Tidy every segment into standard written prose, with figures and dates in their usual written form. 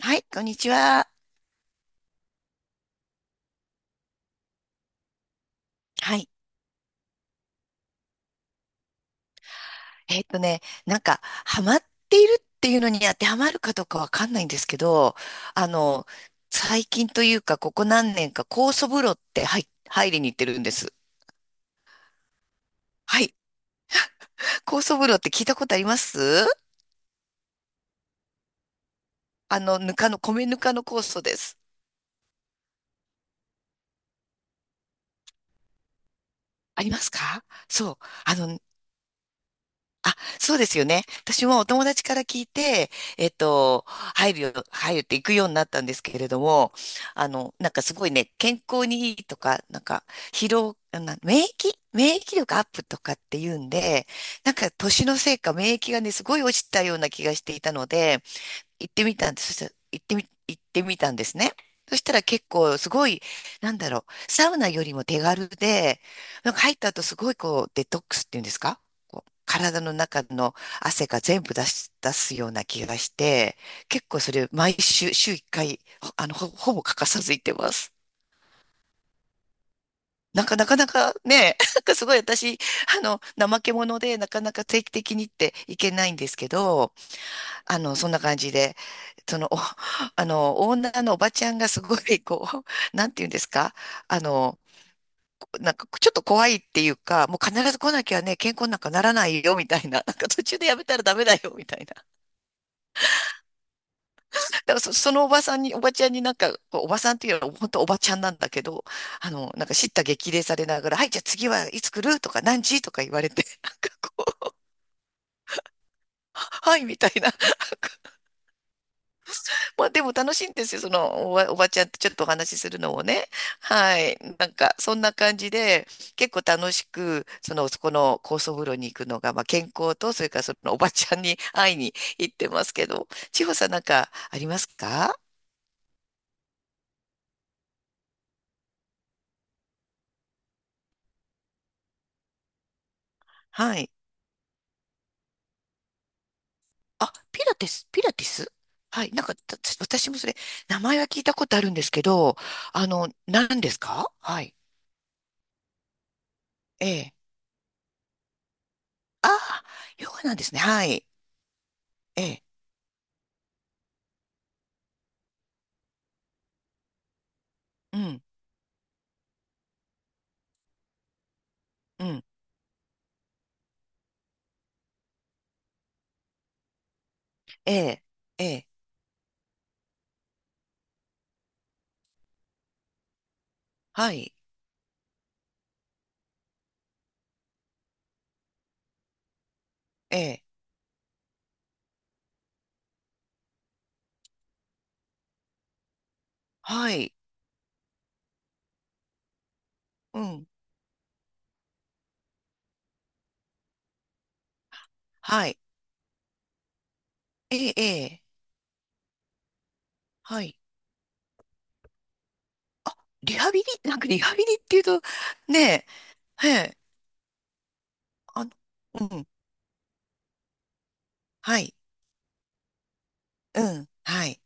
はい、こんにちは。はい。なんか、ハマっているっていうのに当てはまるかどうかわかんないんですけど、あの、最近というか、ここ何年か、酵素風呂って入りに行ってるんです。はい。酵素風呂って聞いたことあります？ぬかの、米ぬかの酵素です。ありますか、そう。あの、あ、そうですよね。私もお友達から聞いて、入るって行くようになったんですけれども、なんかすごいね、健康にいいとか、なんか、疲労、な、免疫、免疫力アップとかっていうんで、なんか年のせいか免疫がね、すごい落ちたような気がしていたので、行ってみたんです。そしたら行ってみたんですね。そしたら結構すごい、なんだろう、サウナよりも手軽で、なんか入った後すごいこうデトックスっていうんですか？こう体の中の汗が全部出し、出すような気がして、結構それ毎週、週1回、ほあの、ほ、ほぼ欠かさず行ってます。なんかなかなかね、なんかすごい私、怠け者でなかなか定期的にっていけないんですけど、そんな感じで、その、お、オーナーのおばちゃんがすごい、なんていうんですか、あの、なんか、ちょっと怖いっていうか、もう必ず来なきゃね、健康なんかならないよ、みたいな。なんか途中でやめたらダメだよ、みたいな。だからそのおばさんに、おばちゃんになんか、こうおばさんっていうのは本当おばちゃんなんだけど、なんか叱咤激励されながら、はい、じゃあ次はいつ来るとか、何時とか言われて、なんかこう、はい、みたいな。まあでも楽しいんですよ、おばちゃんとちょっとお話しするのもね。はい。なんか、そんな感じで、結構楽しく、その、そこの高層風呂に行くのが、まあ健康と、それからそのおばちゃんに会いに行ってますけど、千穂さんなんかありますか？はい。あ、ピラティス、ピラティス。はい。なんか、私もそれ、名前は聞いたことあるんですけど、あの、何ですか？はい。ええ。ああ、ヨガなんですね。はい。ええ。うん、うん。ええ、ええ。はい。ええ、はい、うん、はい、ええ、ええ、はい。リハビリ、なんかリハビリっていうと、ねえ、ええ、あの、うん、はい、うん、はい、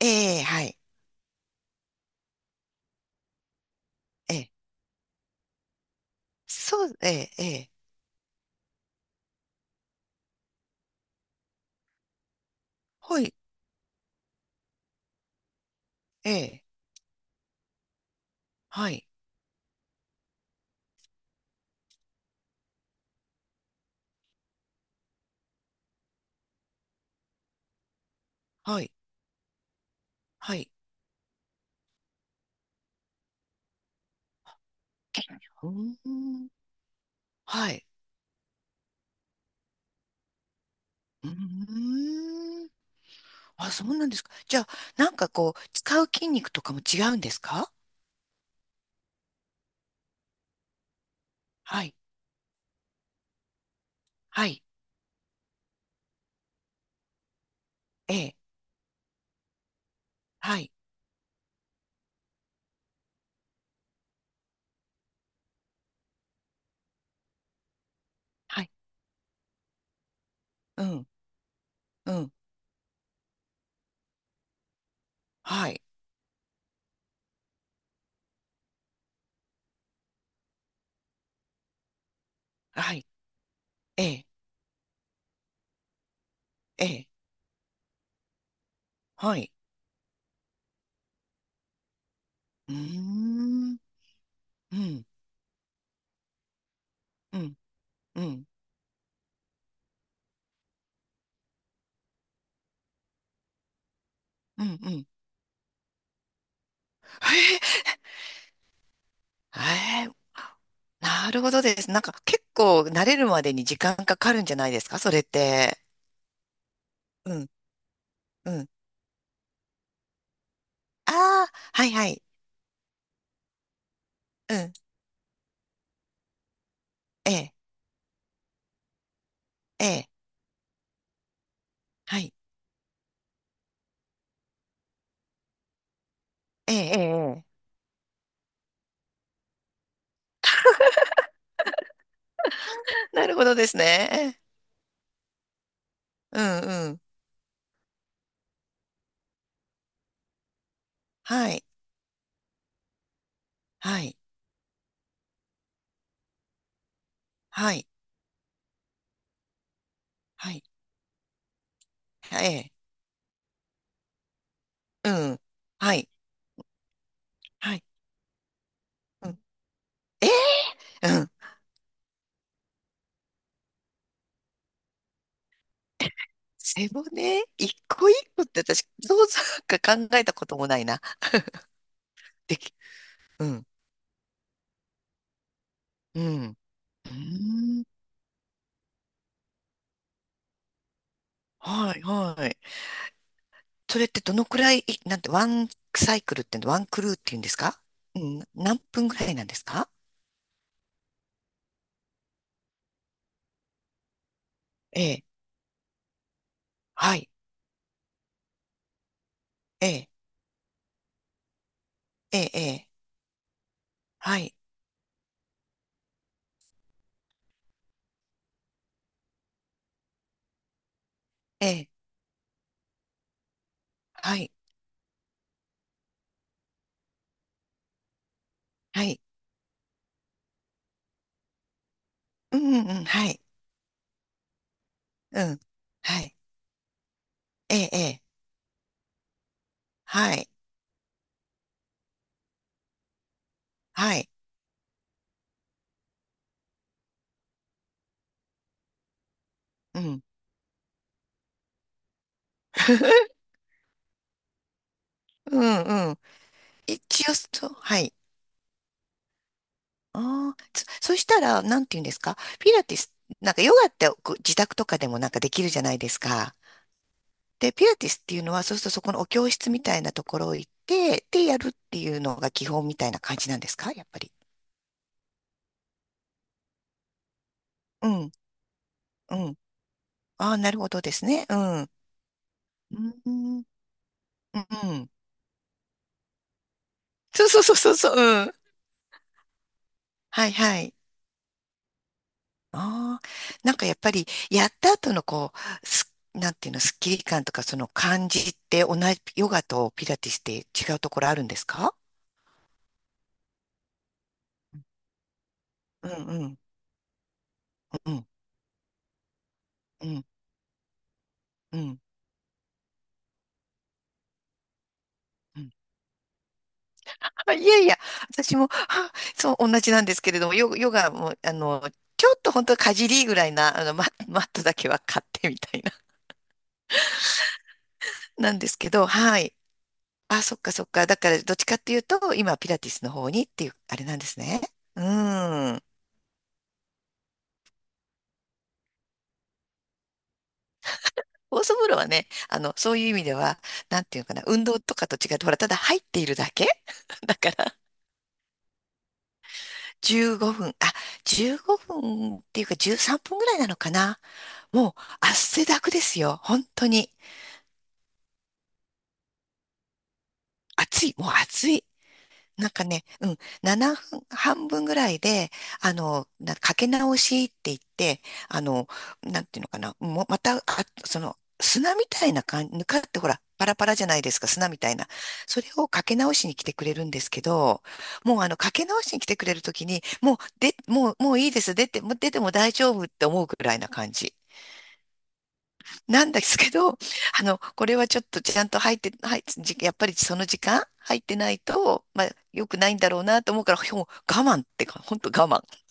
ええ、はい、ええ、そう、ええ、ええ、はい、ええ、はい、はい、はい、うーん、はい、うーん、あ、そうなんですか。じゃあ、なんかこう、使う筋肉とかも違うんですか？はい、はい、ええ、はい、はい、うん、うん、はい、はい、ええ、ええ、はい。うーん、うん、うん、うん、うん、うん。ええ、へえ、なるほどです。なんか結構慣れるまでに時間かかるんじゃないですか、それって。うん、うん。ああ、はい、はい。うん、ええ、ええ、はい。ええ、ええ、ええ、なるほどですね。うん、うん。はい、はい、はい、はい。ええ、うん、はい、はい。うん、ええ、背骨一個一個って私、そうそうか考えたこともないな。でき、うん、うん。うーん。はい、はい。それってどのくらい、なんて、ワンサイクルって、ワンクルーっていうんですか？うん、何分ぐらいなんですか？ええ、はい、ええ、ええ、ええ、はい、ええ、はい、はい、うん、うん、うん、はい、うん、はい、ええ、ええ、はい、はい、うん。うん、うん。一応そう、はい。ああ、そしたら、なんて言うんですか、ピラティス、なんかヨガってこう自宅とかでもなんかできるじゃないですか。で、ピラティスっていうのは、そうするとそこのお教室みたいなところ行って、で、やるっていうのが基本みたいな感じなんですか、やっぱり。うん、うん。ああ、なるほどですね。うん。うん、うん。うん、そうそうそうそうそう。うん。はい、はい。ああ、なんかやっぱり、やった後のなんていうの、スッキリ感とかその感じって同じ、ヨガとピラティスって違うところあるんですか？うん、うん、うん、うん、うん、うん。あ、いやいや、私も、あ、そう、同じなんですけれども、ヨガも、あの、ちょっと本当かじりぐらいな、マットだけは買ってみたいな、なんですけど、はい。あ、そっかそっか。だから、どっちかっていうと、今、ピラティスの方にっていう、あれなんですね。うん。オーソブロはね、あの、そういう意味では、なんていうのかな、運動とかと違って、ほら、ただ入っているだけ。 15 分、あ、15分っていうか13分ぐらいなのかな。もう汗だくですよ。本当に。暑い。もう暑い。なんかね、うん、7分、半分ぐらいで、あの、なかけ直しって言って、あの、なんていうのかな、もうまた、あ、その、砂みたいな感じ、ぬかってほら、パラパラじゃないですか、砂みたいな。それをかけ直しに来てくれるんですけど、もうあの、かけ直しに来てくれるときに、もういいです、もう出ても大丈夫って思うぐらいな感じ。なんですけど、あの、これはちょっとちゃんと入って、はい、じやっぱりその時間入ってないと、まあ、良くないんだろうなと思うから、ほん我慢ってか、本当我慢。